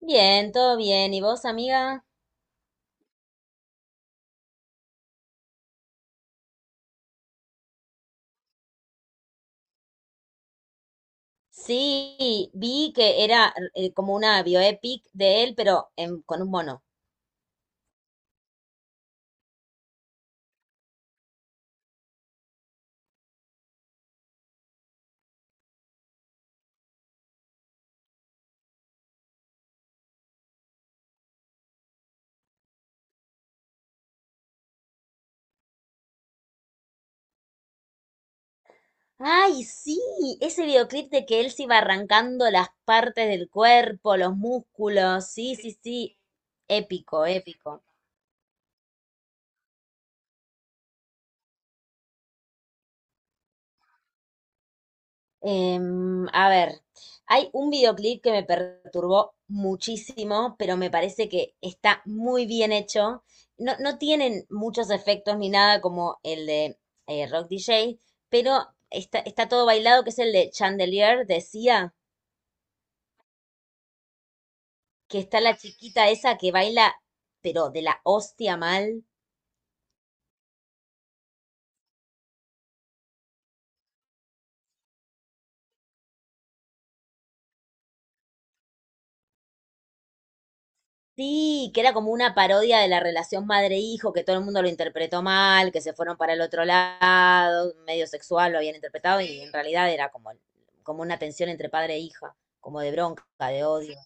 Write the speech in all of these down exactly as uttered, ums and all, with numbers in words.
Bien, todo bien. ¿Y vos, amiga? Sí, vi que era eh, como una bioepic de él, pero en- con un mono. Ay, sí, ese videoclip de que él se iba arrancando las partes del cuerpo, los músculos. Sí, sí, sí. Épico, épico. Em, a ver, hay un videoclip que me perturbó muchísimo, pero me parece que está muy bien hecho. No, no tienen muchos efectos ni nada como el de eh, Rock D J, pero está, está todo bailado, que es el de Chandelier, decía, que está la chiquita esa que baila, pero de la hostia mal. Sí, que era como una parodia de la relación madre-hijo, que todo el mundo lo interpretó mal, que se fueron para el otro lado, medio sexual lo habían interpretado y en realidad era como, como una tensión entre padre e hija, como de bronca, de odio.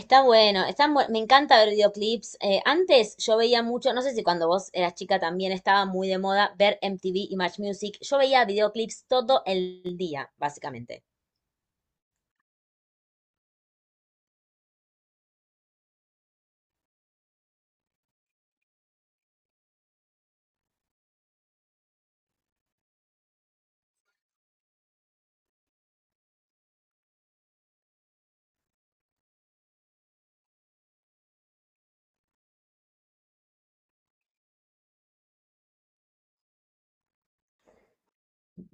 Está bueno, están buen- me encanta ver videoclips. Eh, antes yo veía mucho, no sé si cuando vos eras chica también estaba muy de moda ver M T V y Match Music. Yo veía videoclips todo el día, básicamente.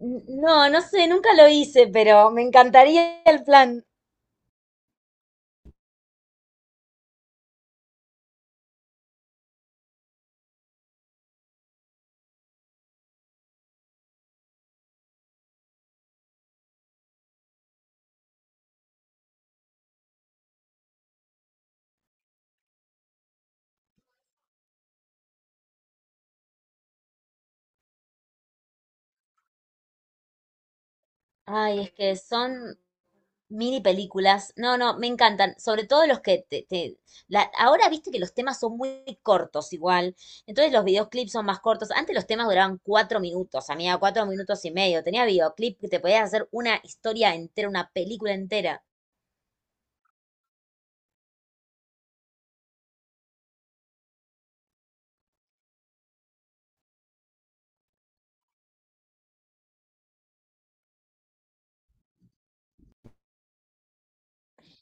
N- No, no sé, nunca lo hice, pero me encantaría el plan. Ay, es que son mini películas, no, no, me encantan, sobre todo los que te, te- la- ahora viste que los temas son muy cortos igual, entonces los videoclips son más cortos, antes los temas duraban cuatro minutos, amiga, cuatro minutos y medio, tenía videoclip que te podías hacer una historia entera, una película entera.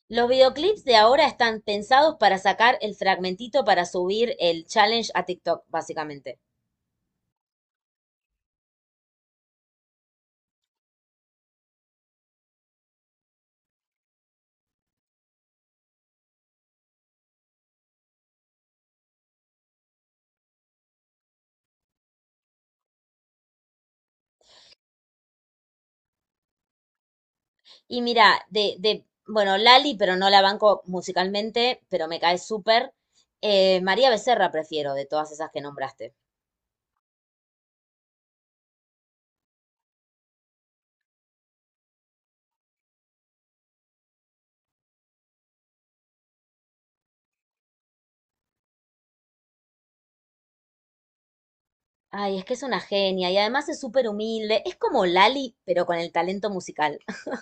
Los videoclips de ahora están pensados para sacar el fragmentito para subir el challenge a TikTok, básicamente. Y mira, de, de, bueno, Lali, pero no la banco musicalmente, pero me cae súper. Eh, María Becerra prefiero de todas esas que nombraste. Ay, es que es una genia y además es súper humilde. Es como Lali, pero con el talento musical.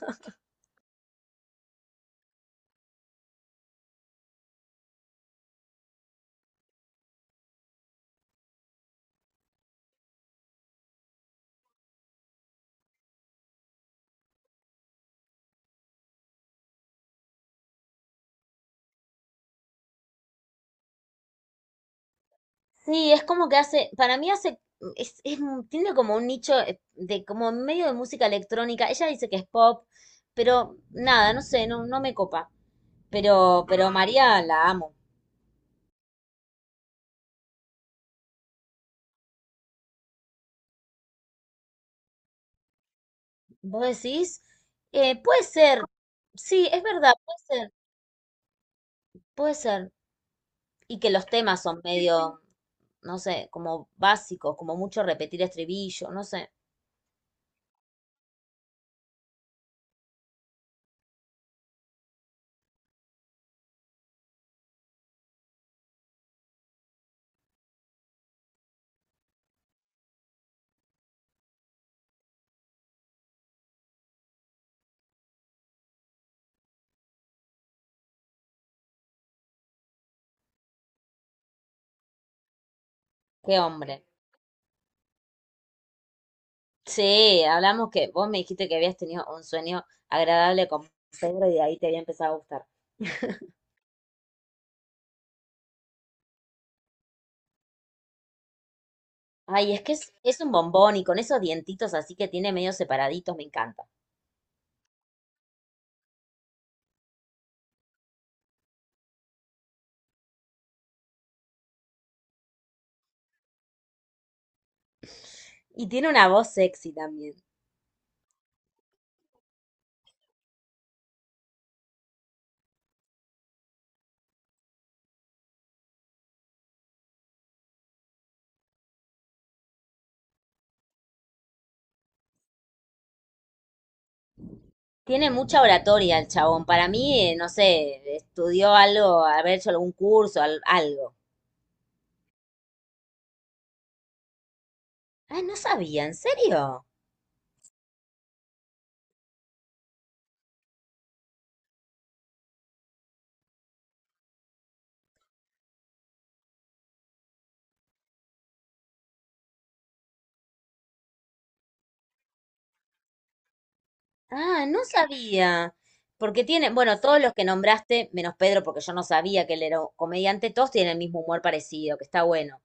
Sí, es como que hace, para mí hace, es, es un- tiene como un nicho eh, de como medio de música electrónica. Ella dice que es pop, pero nada, no sé, no, no me copa. Pero, pero María la amo. ¿Vos decís? Eh, puede ser, sí, es verdad, puede ser. Puede ser. Y que los temas son sí, sí, medio, no sé, como básicos, como mucho repetir estribillo, no sé. Qué hombre. Sí, hablamos que vos me dijiste que habías tenido un sueño agradable con Pedro y de ahí te había empezado a gustar. Ay, es que es, es un bombón y con esos dientitos así que tiene medio separaditos, me encanta. Y tiene una voz sexy también. Tiene mucha oratoria el chabón. Para mí, eh, no sé, estudió algo, haber hecho algún curso, al- algo. Ay, no sabía, ¿en serio? Ah, no sabía. Porque tiene, bueno, todos los que nombraste, menos Pedro, porque yo no sabía que él era un comediante, todos tienen el mismo humor parecido, que está bueno.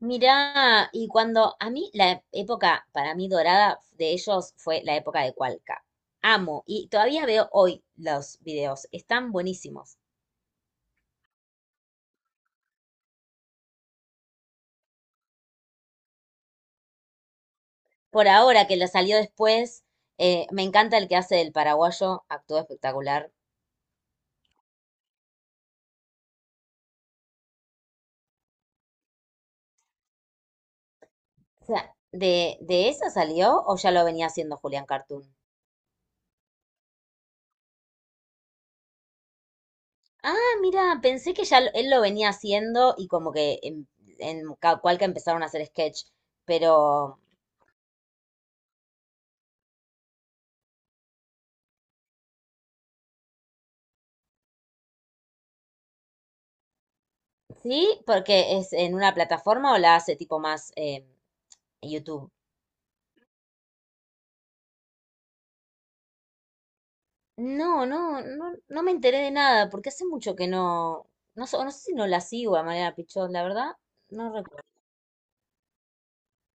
Mirá, y cuando a mí la época para mí dorada de ellos fue la época de Cualca. Amo, y todavía veo hoy los videos, están buenísimos. Por ahora que la salió después, eh, me encanta el que hace del paraguayo, actuó espectacular. O sea, ¿de, de esa salió o ya lo venía haciendo Julián Cartoon? Ah, mira, pensé que ya lo- él lo venía haciendo y como que en, en ca- cual que empezaron a hacer sketch, pero sí, porque es en una plataforma o la hace tipo más eh, en YouTube. No, no, no, no me enteré de nada, porque hace mucho que no, no, sé- no sé si no la sigo a Mariana Pichón, la verdad, no recuerdo.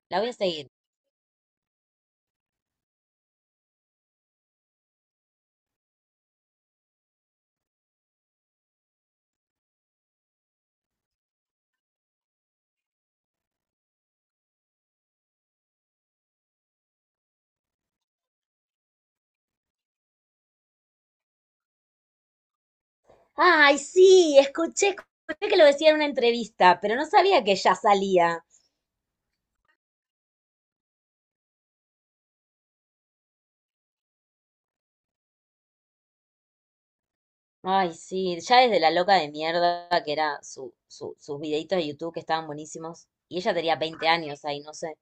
La voy a seguir. Ay, sí, escuché, escuché que lo decía en una entrevista, pero no sabía que ya salía. Ay, sí, ya desde la loca de mierda, que era su, su- sus videitos de YouTube que estaban buenísimos. Y ella tenía veinte años ahí, no sé.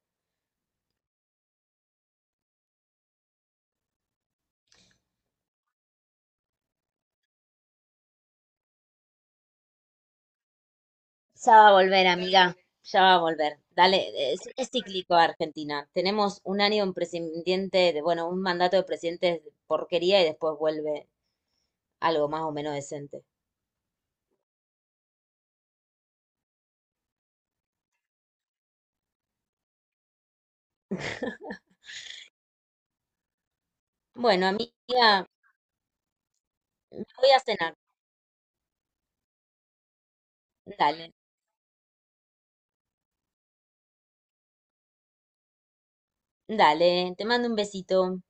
Ya va a volver, amiga. Ya va a volver. Dale, es, es cíclico Argentina. Tenemos un año un presidente, de, bueno, un mandato de presidente de porquería y después vuelve algo más o menos decente. Bueno, amiga, me voy a cenar. Dale, dale, te mando un besito.